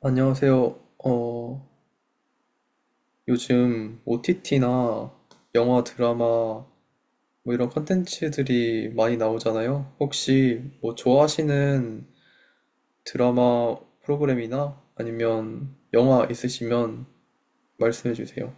안녕하세요. 어, 요즘 OTT나 영화, 드라마 뭐 이런 컨텐츠들이 많이 나오잖아요. 혹시 뭐 좋아하시는 드라마 프로그램이나 아니면 영화 있으시면 말씀해 주세요.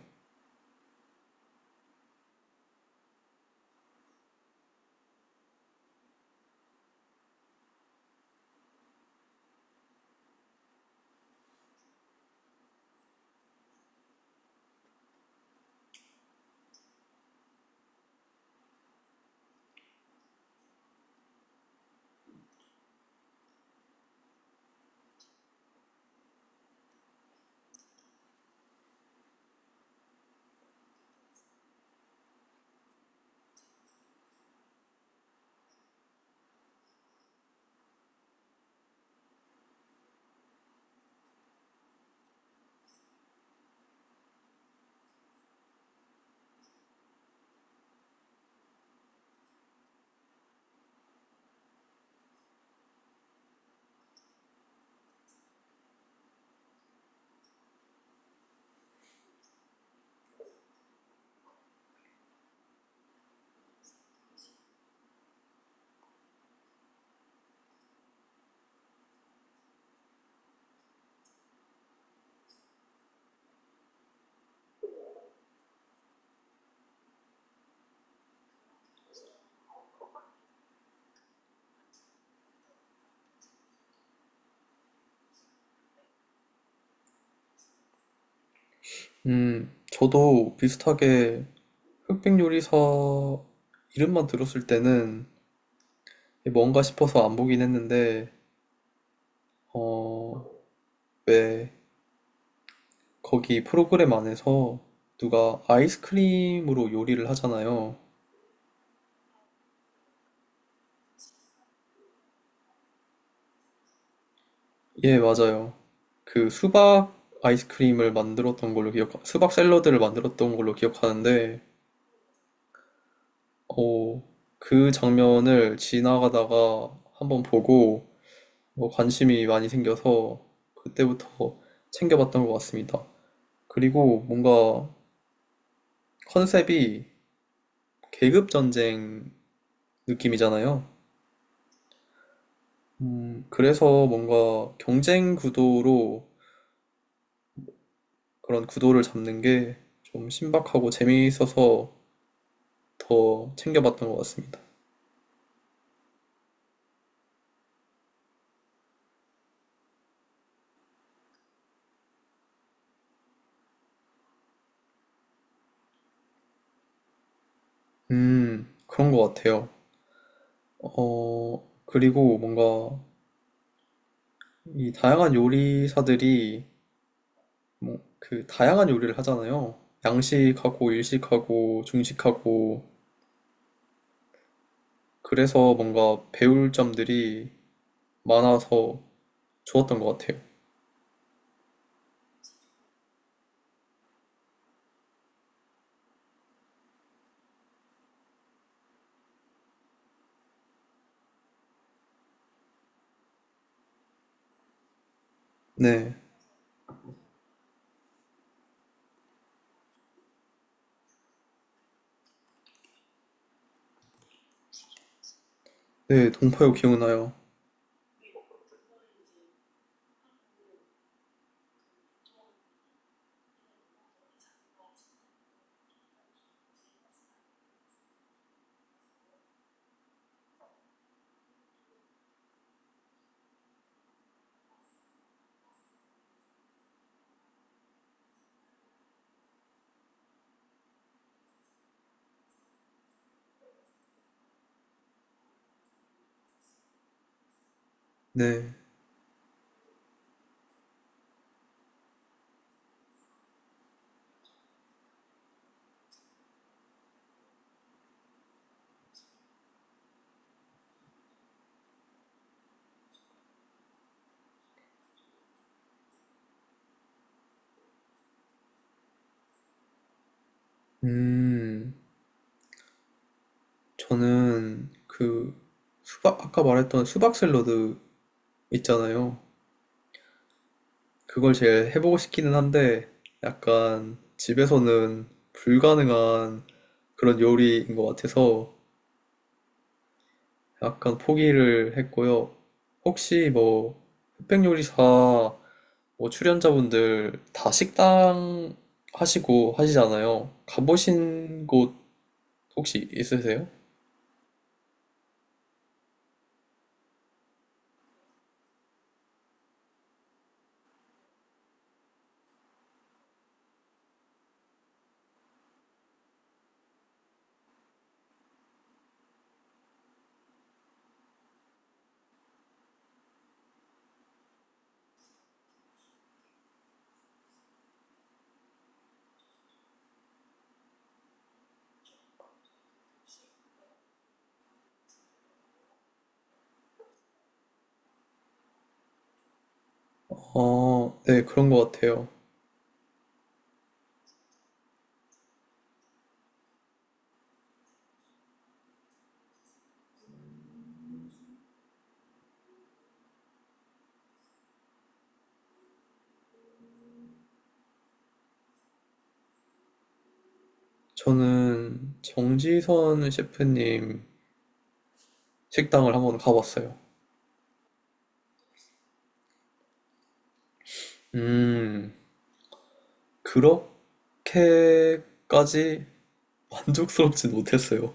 저도 비슷하게 흑백 요리사 이름만 들었을 때는 뭔가 싶어서 안 보긴 했는데, 어, 왜 거기 프로그램 안에서 누가 아이스크림으로 요리를 하잖아요. 예, 맞아요. 그 수박 아이스크림을 만들었던 걸로 기억, 수박 샐러드를 만들었던 걸로 기억하는데, 어, 그 장면을 지나가다가 한번 보고 뭐 관심이 많이 생겨서 그때부터 챙겨봤던 것 같습니다. 그리고 뭔가 컨셉이 계급 전쟁 느낌이잖아요. 그래서 뭔가 경쟁 구도로 그런 구도를 잡는 게 좀 신박하고 재미있어서 더 챙겨봤던 것 같습니다. 그런 것 같아요. 그리고 뭔가 이 다양한 요리사들이 뭐 그 다양한 요리를 하잖아요. 양식하고 일식하고 중식하고 그래서 뭔가 배울 점들이 많아서 좋았던 것 같아요. 네, 네, 동파요 기억나요. 네, 음, 저는 그 수박 아까 말했던 수박 샐러드 있잖아요. 그걸 제일 해보고 싶기는 한데 약간 집에서는 불가능한 그런 요리인 것 같아서 약간 포기를 했고요. 혹시 뭐 흑백 요리사 뭐 출연자분들 다 식당 하시고 하시잖아요. 가보신 곳 혹시 있으세요? 아 네, 그런 것 같아요. 저는 정지선 셰프님 식당을 한번 가봤어요. 음, 그렇게까지 만족스럽진 못했어요.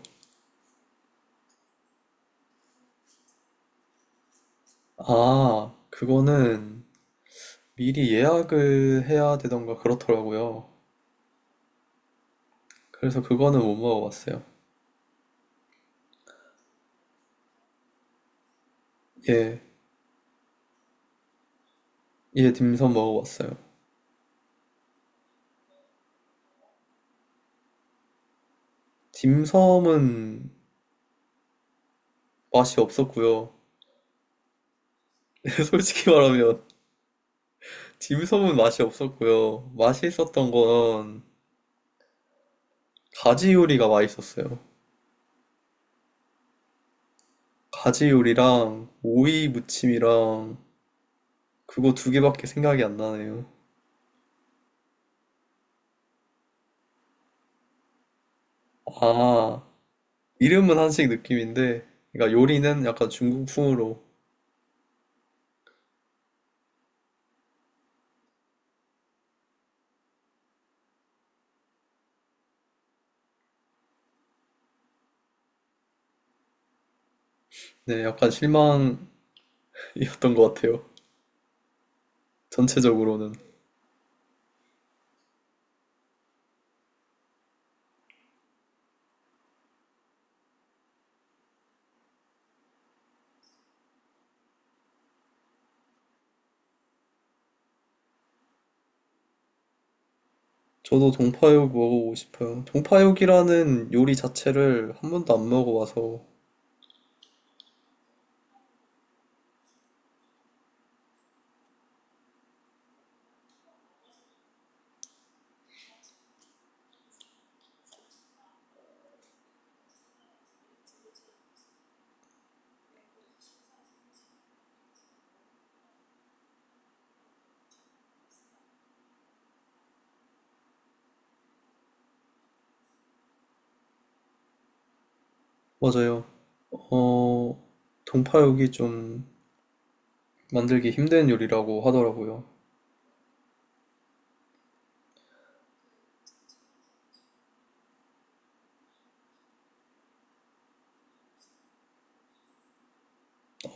아, 그거는 미리 예약을 해야 되던가 그렇더라고요. 그래서 그거는 못 먹어봤어요. 예, 예, 딤섬 먹어봤어요. 딤섬은 맛이 없었고요. 솔직히 말하면 딤섬은 맛이 없었고요. 맛있었던 건 가지 요리가 맛있었어요. 가지 요리랑 오이 무침이랑 그거 두 개밖에 생각이 안 나네요. 아, 이름은 한식 느낌인데, 그러니까 요리는 약간 중국풍으로, 네, 약간 실망이었던 것 같아요. 전체적으로는. 저도 동파육 먹어보고 싶어요. 동파육이라는 요리 자체를 한 번도 안 먹어봐서, 맞아요. 어, 동파육이 좀 만들기 힘든 요리라고 하더라고요.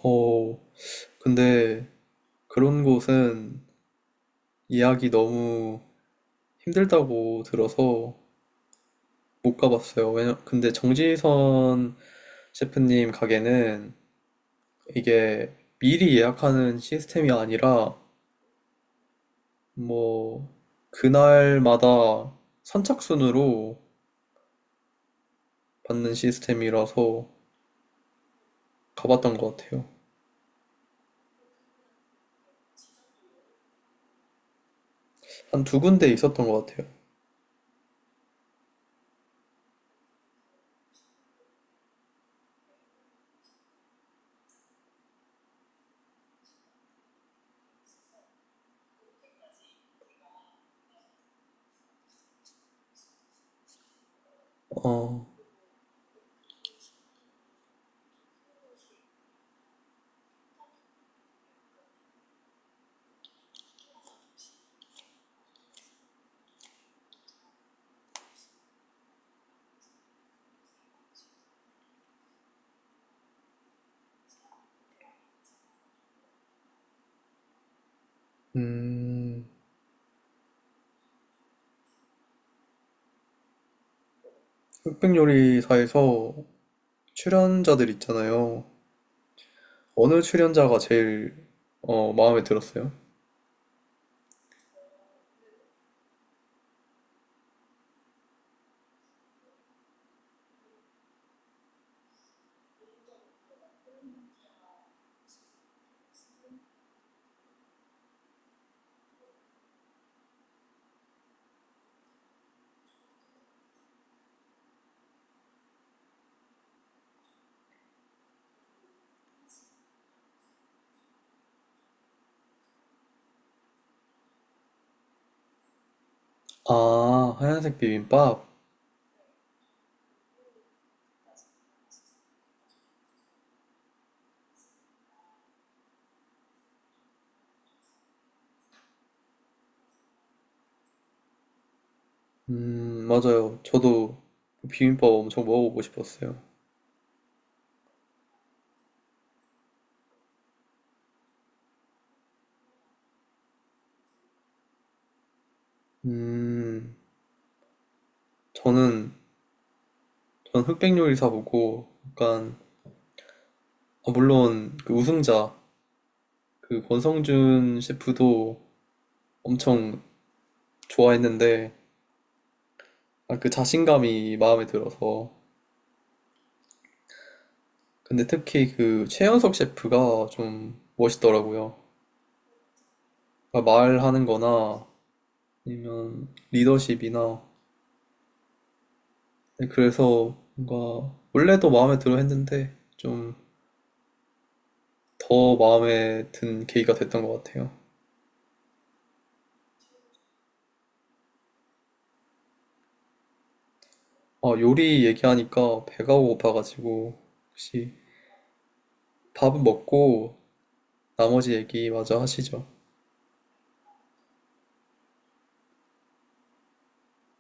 어, 근데 그런 곳은 예약이 너무 힘들다고 들어서 못 가봤어요. 왜냐, 근데 정지선 셰프님 가게는 이게 미리 예약하는 시스템이 아니라 뭐 그날마다 선착순으로 받는 시스템이라서 가봤던 것 같아요. 한 두 군데 있었던 것 같아요. 어, 음, 흑백요리사에서 출연자들 있잖아요. 어느 출연자가 제일 마음에 들었어요? 아, 하얀색 비빔밥? 맞아요. 저도 그 비빔밥 엄청 먹어보고 싶었어요. 음, 저는, 저는 흑백 요리사 보고, 약간, 아, 물론, 그 우승자, 그 권성준 셰프도 엄청 좋아했는데, 아, 그 자신감이 마음에 들어서. 근데 특히 그 최연석 셰프가 좀 멋있더라고요. 그러니까 말하는 거나, 아니면 리더십이나, 네, 그래서 뭔가 원래도 마음에 들어 했는데 좀 더 마음에 든 계기가 됐던 것 같아요. 아, 요리 얘기하니까 배가 고파가지고 혹시 밥은 먹고 나머지 얘기 마저 하시죠.